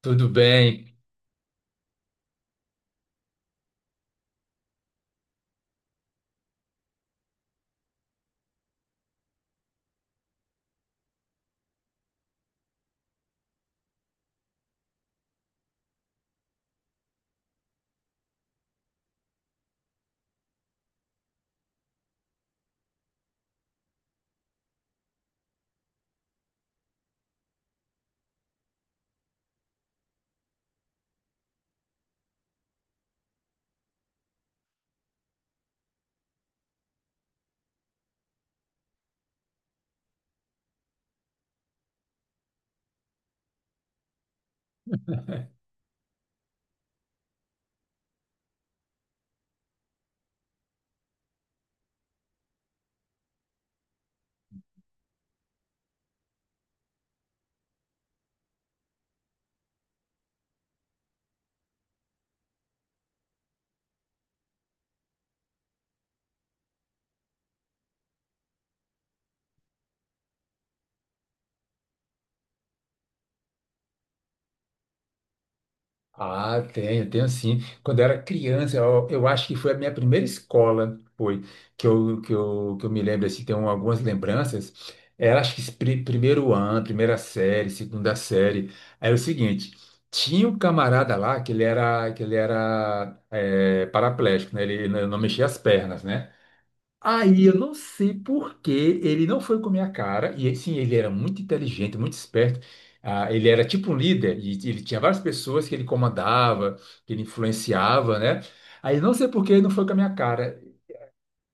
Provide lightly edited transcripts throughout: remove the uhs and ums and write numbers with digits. Tudo bem? Ah, tenho, tenho sim. Quando eu era criança, eu acho que foi a minha primeira escola, foi, que eu me lembro, assim, tenho algumas lembranças. Era, acho que, primeiro ano, primeira série, segunda série. Era o seguinte, tinha um camarada lá que ele era paraplégico, né? Ele não mexia as pernas, né? Aí eu não sei por que ele não foi com a minha cara, e sim, ele era muito inteligente, muito esperto. Ah, ele era tipo um líder, e ele tinha várias pessoas que ele comandava, que ele influenciava, né? Aí não sei por que ele não foi com a minha cara.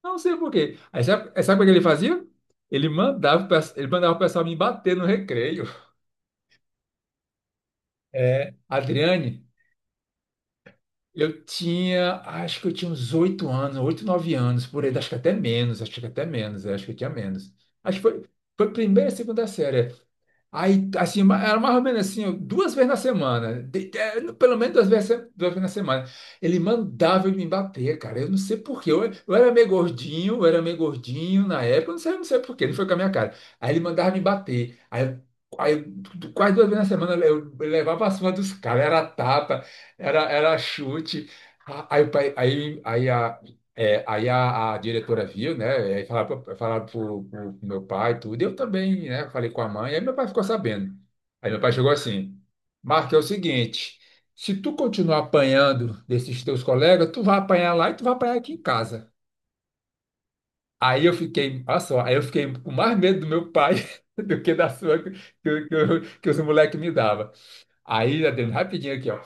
Não sei por quê. Aí sabe, sabe como é que ele fazia? Ele mandava, ele mandava o pessoal me bater no recreio. É, Adriane, eu tinha, acho que eu tinha uns oito anos, oito, nove anos, por aí, acho que até menos, acho que até menos, é, acho que eu tinha menos. Acho que foi, foi primeira, segunda série. Aí, assim, era mais ou menos assim, ó, duas vezes na semana, pelo menos duas vezes na semana. Ele mandava eu me bater, cara. Eu não sei por quê. Eu era meio gordinho, eu era meio gordinho na época, eu não sei por quê, ele foi com a minha cara. Aí ele mandava me bater. Aí, quase duas vezes na semana eu levava a surra dos caras, era tapa, era chute. A- Aí, o pai- aí, aí, é, aí a diretora viu, né? E aí falaram, falaram pro, pro meu pai e tudo. E eu também, né? Falei com a mãe. Aí meu pai ficou sabendo. Aí meu pai chegou assim: Marco, é o seguinte: se tu continuar apanhando desses teus colegas, tu vai apanhar lá e tu vai apanhar aqui em casa. Aí eu fiquei, olha só, aí eu fiquei com mais medo do meu pai do que da sua que os moleques me davam. Aí, Adriano, rapidinho aqui, ó.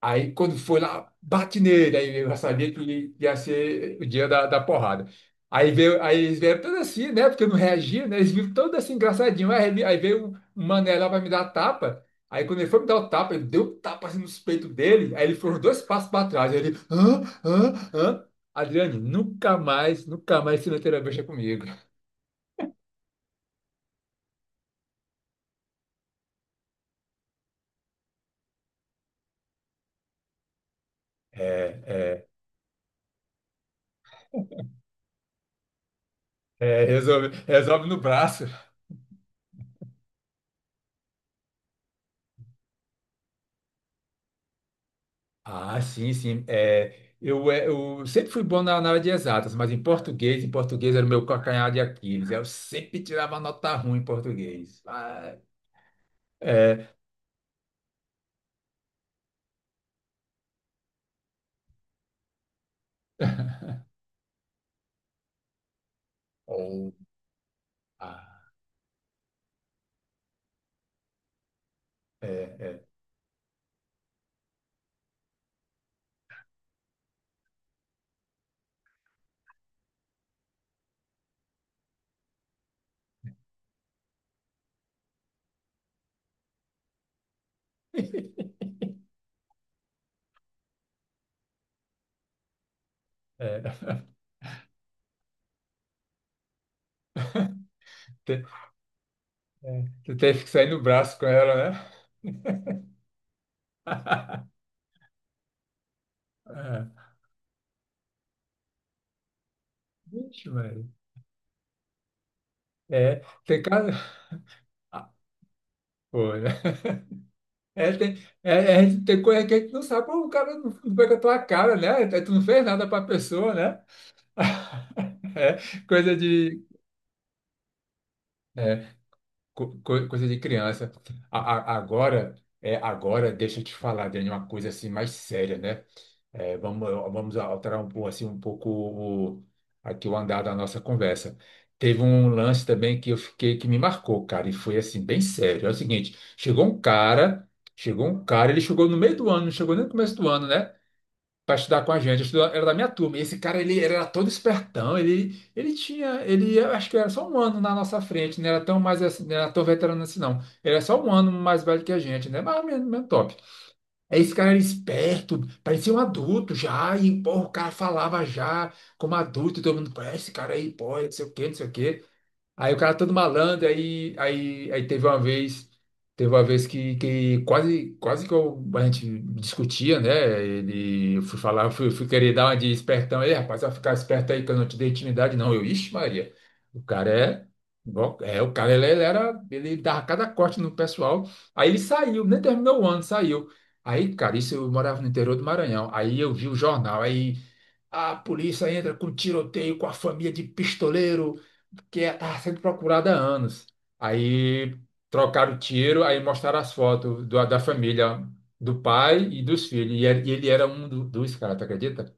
Aí, quando foi lá, bate nele. Aí eu já sabia que ia ser o dia da, da porrada. Aí eles vieram todos assim, né? Porque eu não reagia, né? Eles viram todos assim, engraçadinho. Aí veio um mané lá pra me dar tapa. Aí, quando ele foi me dar o tapa, ele deu um tapa assim nos peitos dele. Aí, ele foi uns dois passos pra trás. Aí, ele, hã, hã, hã. Adriane, nunca mais, nunca mais se meter a bicha comigo. É, é, é, resolve, resolve no braço. Ah, sim, sim. Eu sempre fui bom na, na área de exatas, mas em português era o meu calcanhar de Aquiles. Eu sempre tirava nota ruim em português. Ah, é. Ou, ah, é, é. É. Te- é. Tu teve que sair no braço com ela, né? É. Vixe, Maria. É, tem cara. Ah, pô, né? É, tem, é, tem coisa que a gente não sabe, pô, o cara não, não pega a tua cara, né? Tu não fez nada pra pessoa, né? É, coisa de, é, coisa de criança. Agora, é, agora deixa eu te falar, Dani, uma coisa assim mais séria, né? É, vamos, vamos alterar um pouco assim um pouco aqui o andar da nossa conversa. Teve um lance também que eu fiquei que me marcou, cara, e foi assim bem sério. É o seguinte, chegou um cara, ele chegou no meio do ano, não chegou nem no começo do ano, né? para estudar com a gente. Era da minha turma. E esse cara, ele, era todo espertão. Ele, eu acho que era só um ano na nossa frente. Não era tão mais, não era tão veterano assim, não. Ele era só um ano mais velho que a gente, né? Mas mesmo, mesmo top. Aí esse cara era esperto, parecia um adulto já. E, pô, o cara falava já como adulto. E todo mundo, pô, esse cara aí, pô, não sei o quê, não sei o quê. Aí o cara todo malandro, aí teve uma vez que quase, quase que a gente discutia, né? Ele, eu fui falar, eu fui querer dar uma de espertão, ei, rapaz, vai ficar esperto aí que eu não te dei intimidade, não. Eu, ixi, Maria, o cara é, igual- é, o cara ele, ele dava cada corte no pessoal. Aí ele saiu, nem terminou o ano, saiu. Aí, cara, isso eu morava no interior do Maranhão. Aí eu vi o jornal, aí a polícia entra com tiroteio com a família de pistoleiro que está sendo procurada há anos. Aí trocaram o tiro, aí mostraram as fotos da família, do pai e dos filhos. E ele era um dos caras, tu acredita?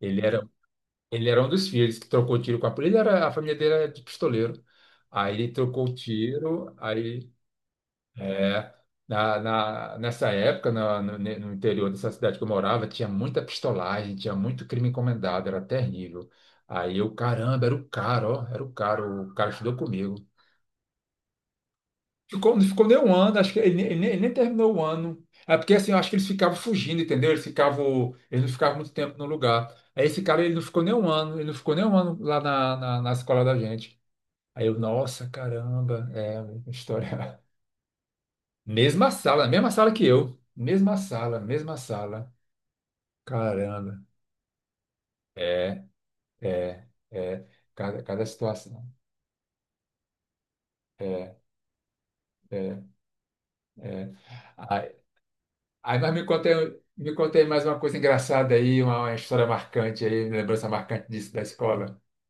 Ele era, ele era um dos filhos que trocou tiro com a polícia. Ele era, a família dele era de pistoleiro. Aí ele trocou o tiro, aí é, nessa época, no interior dessa cidade que eu morava, tinha muita pistolagem, tinha muito crime encomendado, era terrível. Aí eu, caramba, era o cara, ó, era o cara estudou comigo. Ficou, ficou nem um ano, acho que ele, ele nem terminou o ano. É porque assim, eu acho que eles ficavam fugindo, entendeu? Eles ficavam, eles não ficavam muito tempo no lugar. Aí esse cara, ele não ficou nem um ano, ele não ficou nem um ano lá na escola da gente. Aí eu, nossa, caramba, é uma história. Mesma sala que eu. Mesma sala, mesma sala. Caramba. É, é. Cada, cada situação. É, é, é. Aí, me contei mais uma coisa engraçada aí, uma história marcante aí, lembrança marcante disso da escola.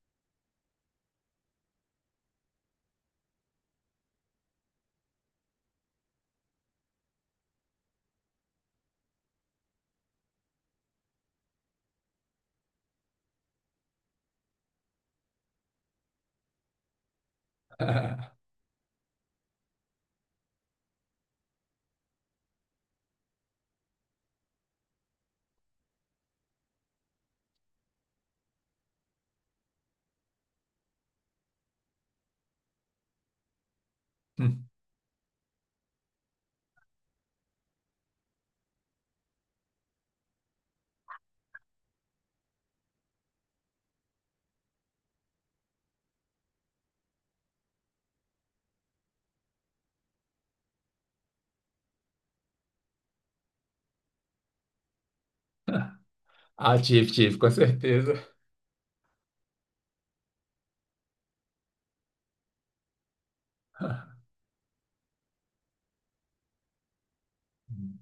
Hum. Ah, tive, tive, com certeza. Hum.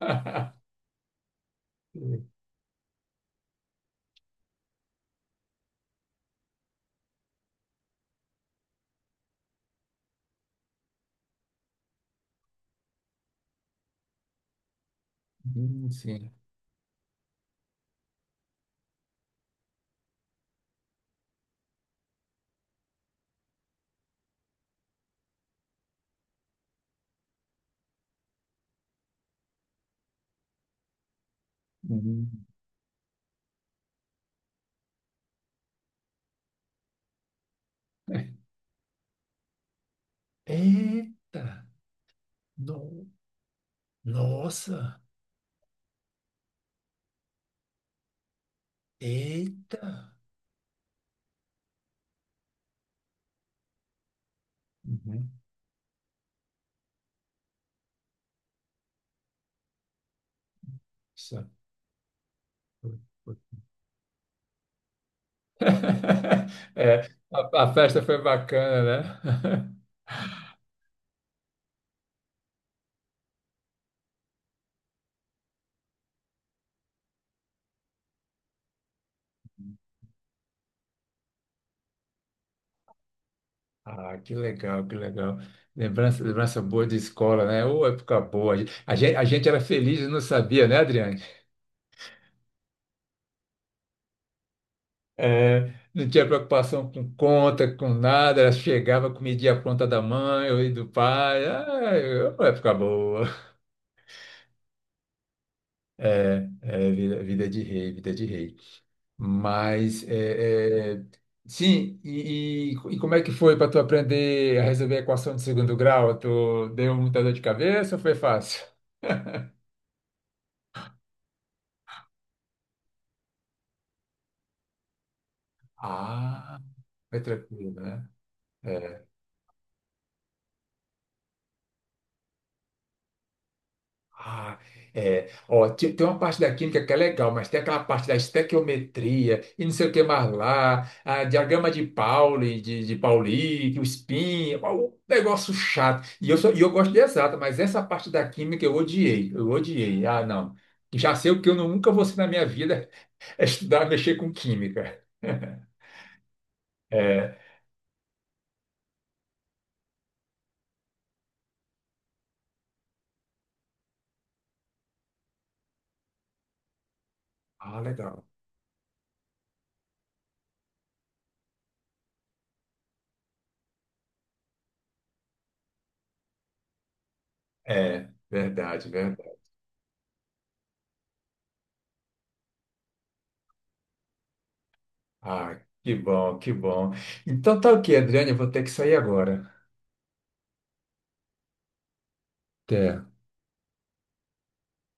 Sim. Hum. Eita! No, nossa! Eita! Uhum. Isso. É, a festa foi bacana, né? Ah, que legal, que legal. Lembrança, lembrança boa de escola, né? Ô, época boa. A gente era feliz e não sabia, né, Adriane? É, não tinha preocupação com conta, com nada. Ela chegava, comidinha pronta da mãe ou do pai. Ah, ô, época boa. É, vida, vida de rei, vida de rei. Mas como é que foi para tu aprender a resolver a equação de segundo grau? Tu deu muita dor de cabeça ou foi fácil? Ah. É tranquilo, né? É. Ah, é. Ó, tem uma parte da química que é legal, mas tem aquela parte da estequiometria e não sei o que mais lá, a diagrama de Pauli, de Pauli, o spin, ó, um negócio chato. E eu gosto de exata, mas essa parte da química eu odiei, eu odiei. Ah, não. Já sei o que eu nunca vou ser na minha vida, é estudar, mexer com química. É. Ah, legal. É, verdade, verdade. Ah, que bom, que bom. Então tá ok, Adriane, eu vou ter que sair agora. Até.